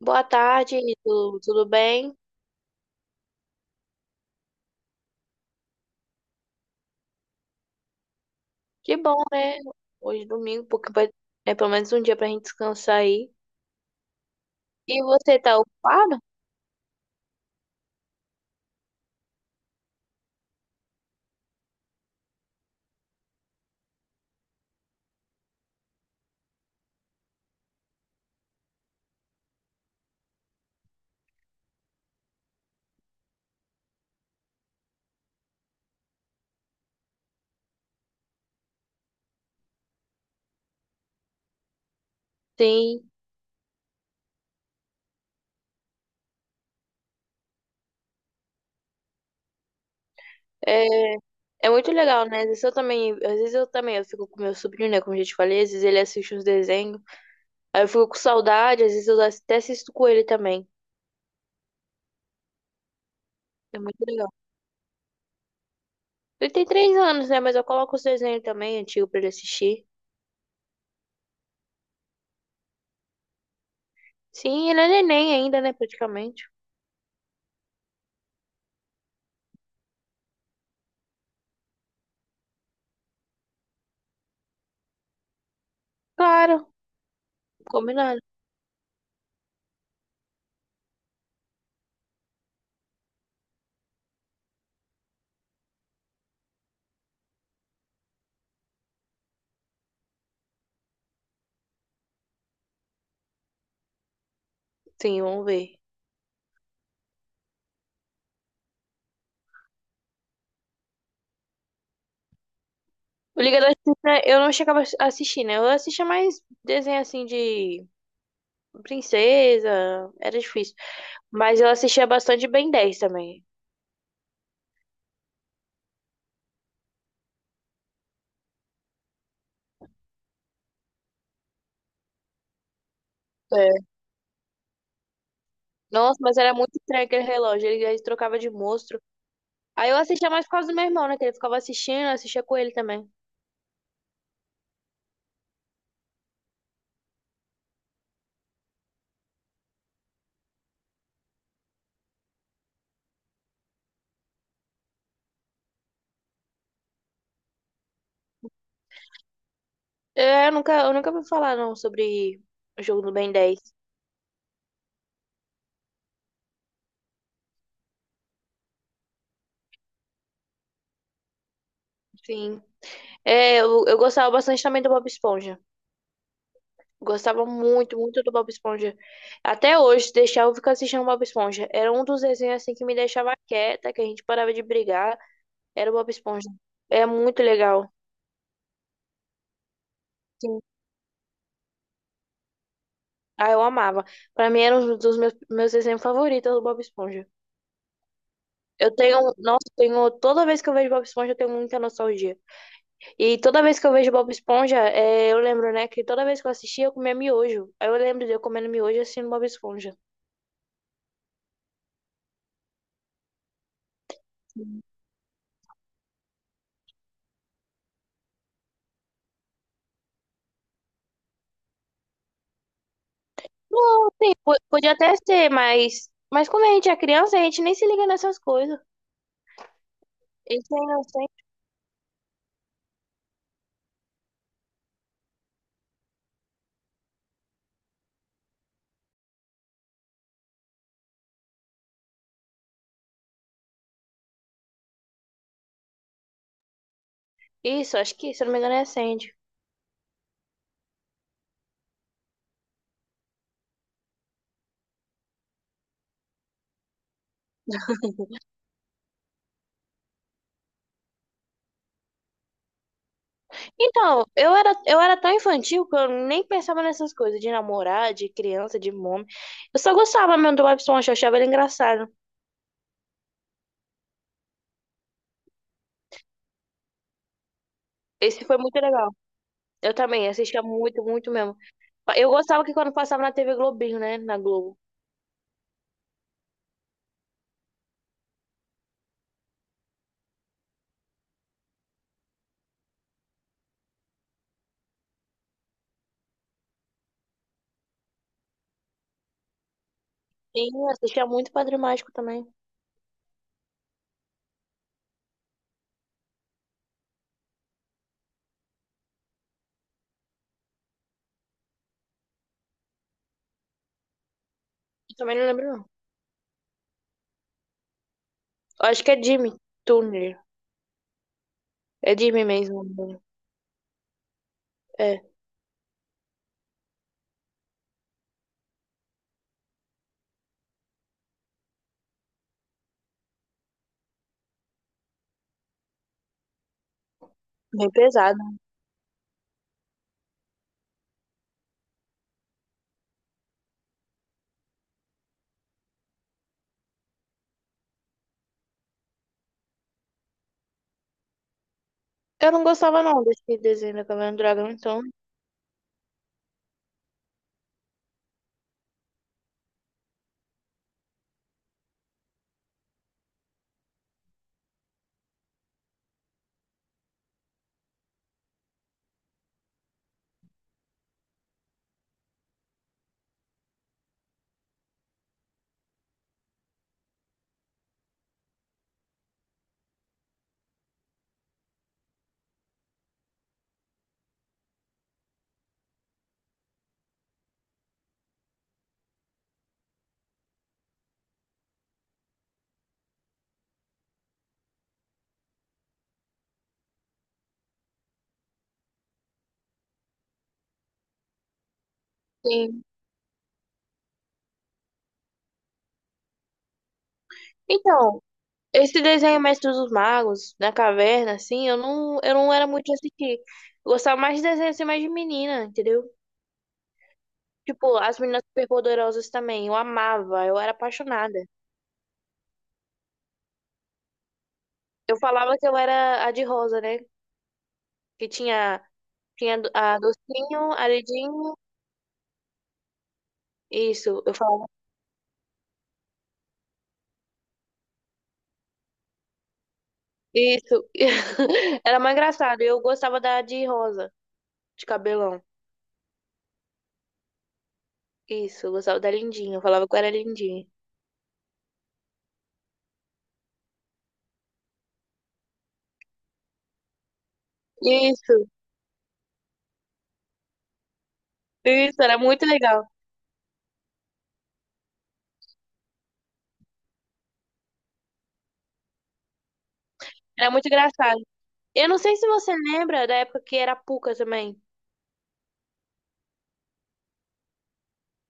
Boa tarde, tudo bem? Que bom, né? Hoje é domingo, porque vai, é pelo menos um dia pra gente descansar aí. E você tá ocupado? Sim. É, é muito legal, né? Às vezes eu também, eu fico com meu sobrinho, né? Como eu já te falei, às vezes ele assiste uns desenhos. Aí eu fico com saudade, às vezes eu até assisto com ele também. É muito legal. Ele tem 3 anos, né? Mas eu coloco os desenhos também, antigo, pra ele assistir. Sim, ele é neném ainda, né? Praticamente. Claro, combinado. Sim, vamos ver. O Liga da Justiça eu não chegava a assistir, né? Eu assistia mais desenho assim de princesa, era difícil. Mas eu assistia bastante Ben 10 também. É. Nossa, mas era muito estranho aquele relógio, ele trocava de monstro. Aí eu assistia mais por causa do meu irmão, né? Que ele ficava assistindo, eu assistia com ele também. É, eu nunca ouvi falar não sobre o jogo do Ben 10. Sim. É, eu gostava bastante também do Bob Esponja. Gostava muito, muito do Bob Esponja. Até hoje, se deixar eu ficar assistindo Bob Esponja. Era um dos desenhos assim que me deixava quieta, que a gente parava de brigar. Era o Bob Esponja. É muito legal. Sim. Ah, eu amava. Pra mim era um dos meus desenhos favoritos do Bob Esponja. Eu tenho, nossa, tenho, toda vez que eu vejo Bob Esponja, eu tenho muita nostalgia. E toda vez que eu vejo Bob Esponja, é, eu lembro, né, que toda vez que eu assistia, eu comia miojo. Aí eu lembro de eu comendo miojo e assistindo Bob Esponja. Não, sim, podia até ser, mas, como a gente é criança, a gente nem se liga nessas coisas. Isso gente é inocente. Isso, acho que, se eu não me engano, é Sandy. Então, eu era tão infantil que eu nem pensava nessas coisas de namorar, de criança, de mome. Eu só gostava mesmo do Bob Esponja, eu achava ele engraçado. Esse foi muito legal. Eu também assistia muito, muito mesmo. Eu gostava que quando passava na TV Globinho, né? Na Globo. Sim, eu assistia muito Padre Mágico também. Eu também não lembro, não. Eu acho que é Jimmy Turner. É Jimmy mesmo, né? É. Bem pesado. Eu não gostava não desse desenho da Caverna do Dragão, então. Sim. Então, esse desenho Mestre dos Magos, na caverna, assim, eu não era muito de assistir. Eu gostava mais de desenho assim, mais de menina, entendeu? Tipo, as meninas superpoderosas também, eu amava, eu era apaixonada. Eu falava que eu era a de rosa, né? Que tinha a docinho, a Lidinho, isso, eu falava, isso. Era mais engraçado, eu gostava da de rosa, de cabelão. Isso, eu gostava da Lindinha, eu falava que eu era Lindinha. Isso, isso, era muito legal. Era muito engraçado. Eu não sei se você lembra da época que era Puca também.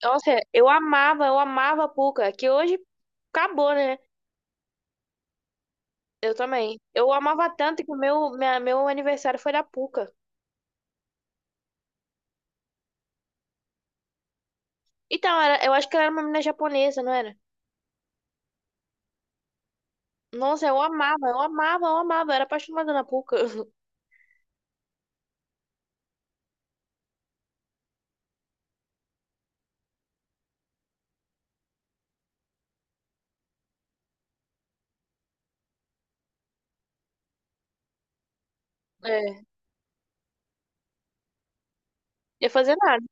Nossa, eu amava a Puca, que hoje acabou, né? Eu também. Eu amava tanto que meu aniversário foi da Puca. Então, era, eu acho que ela era uma menina japonesa, não era? Nossa, eu amava, eu amava, eu amava. Eu era apaixonada na Puca. É, ia fazer nada.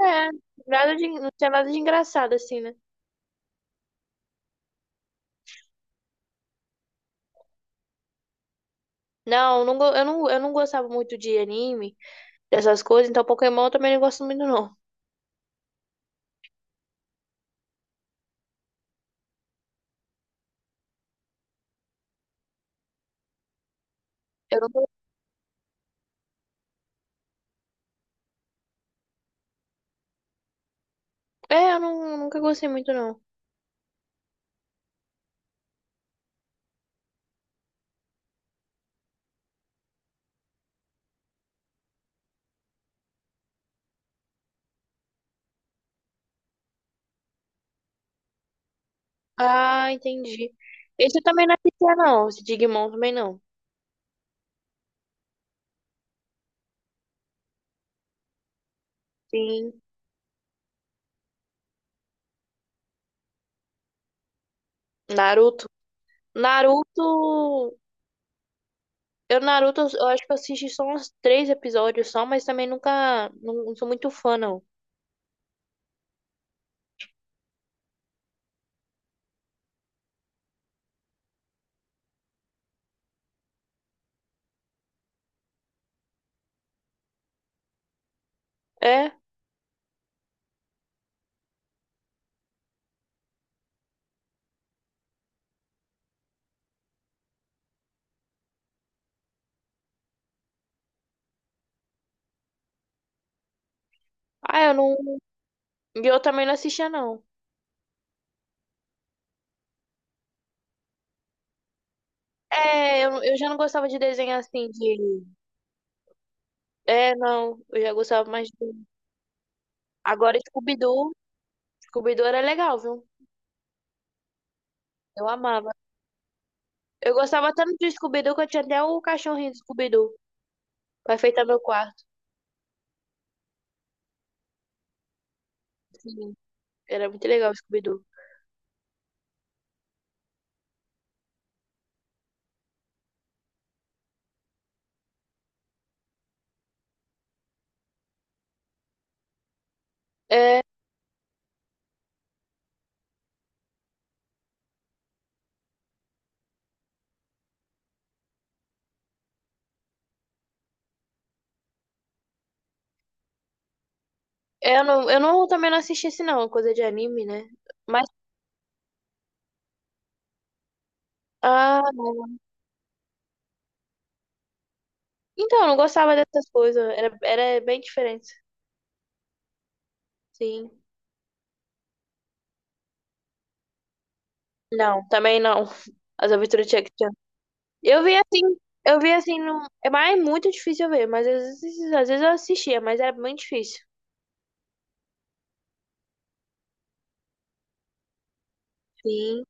É, nada de, não tinha nada de engraçado, assim, né? Não, não, eu não gostava muito de anime, dessas coisas, então Pokémon eu também não gosto muito, não. Eu não, eu não, nunca gostei muito, não. Ah, entendi. Esse eu também não assistia, não. Esse Digimon também não. Sim. Naruto. Naruto. Eu, Naruto, eu acho que eu assisti só uns três episódios só, mas também nunca. Não, não sou muito fã, não. É? Ah, eu não. E eu também não assistia, não. É, eu já não gostava de desenho assim, de. É, não. Eu já gostava mais de. Agora, Scooby-Doo. Scooby-Doo era legal, viu? Eu amava. Eu gostava tanto de Scooby-Doo que eu tinha até o cachorrinho do Scooby-Doo pra enfeitar meu quarto. Sim, era muito legal o Scooby-Doo. É, eu não, também não assisti esse não, coisa de anime, né? Mas, ah, não. Então, eu não gostava dessas coisas. Era bem diferente. Sim. Não, também não. As aventuras de Jackie Chan. Eu vi assim, eu vi assim, não. É mais é muito difícil eu ver, mas às vezes eu assistia, mas era muito difícil. Sim,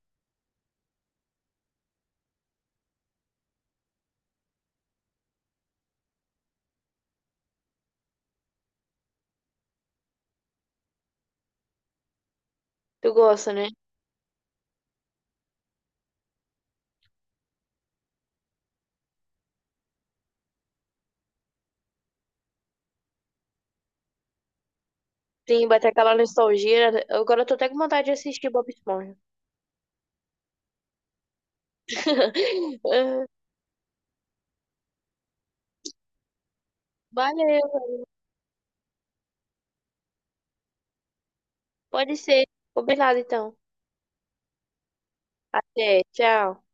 tu gosta, né? Sim, bater aquela nostalgia, né? Agora eu tô até com vontade de assistir Bob Esponja. Valeu, pode ser. Combinado então. Até, tchau.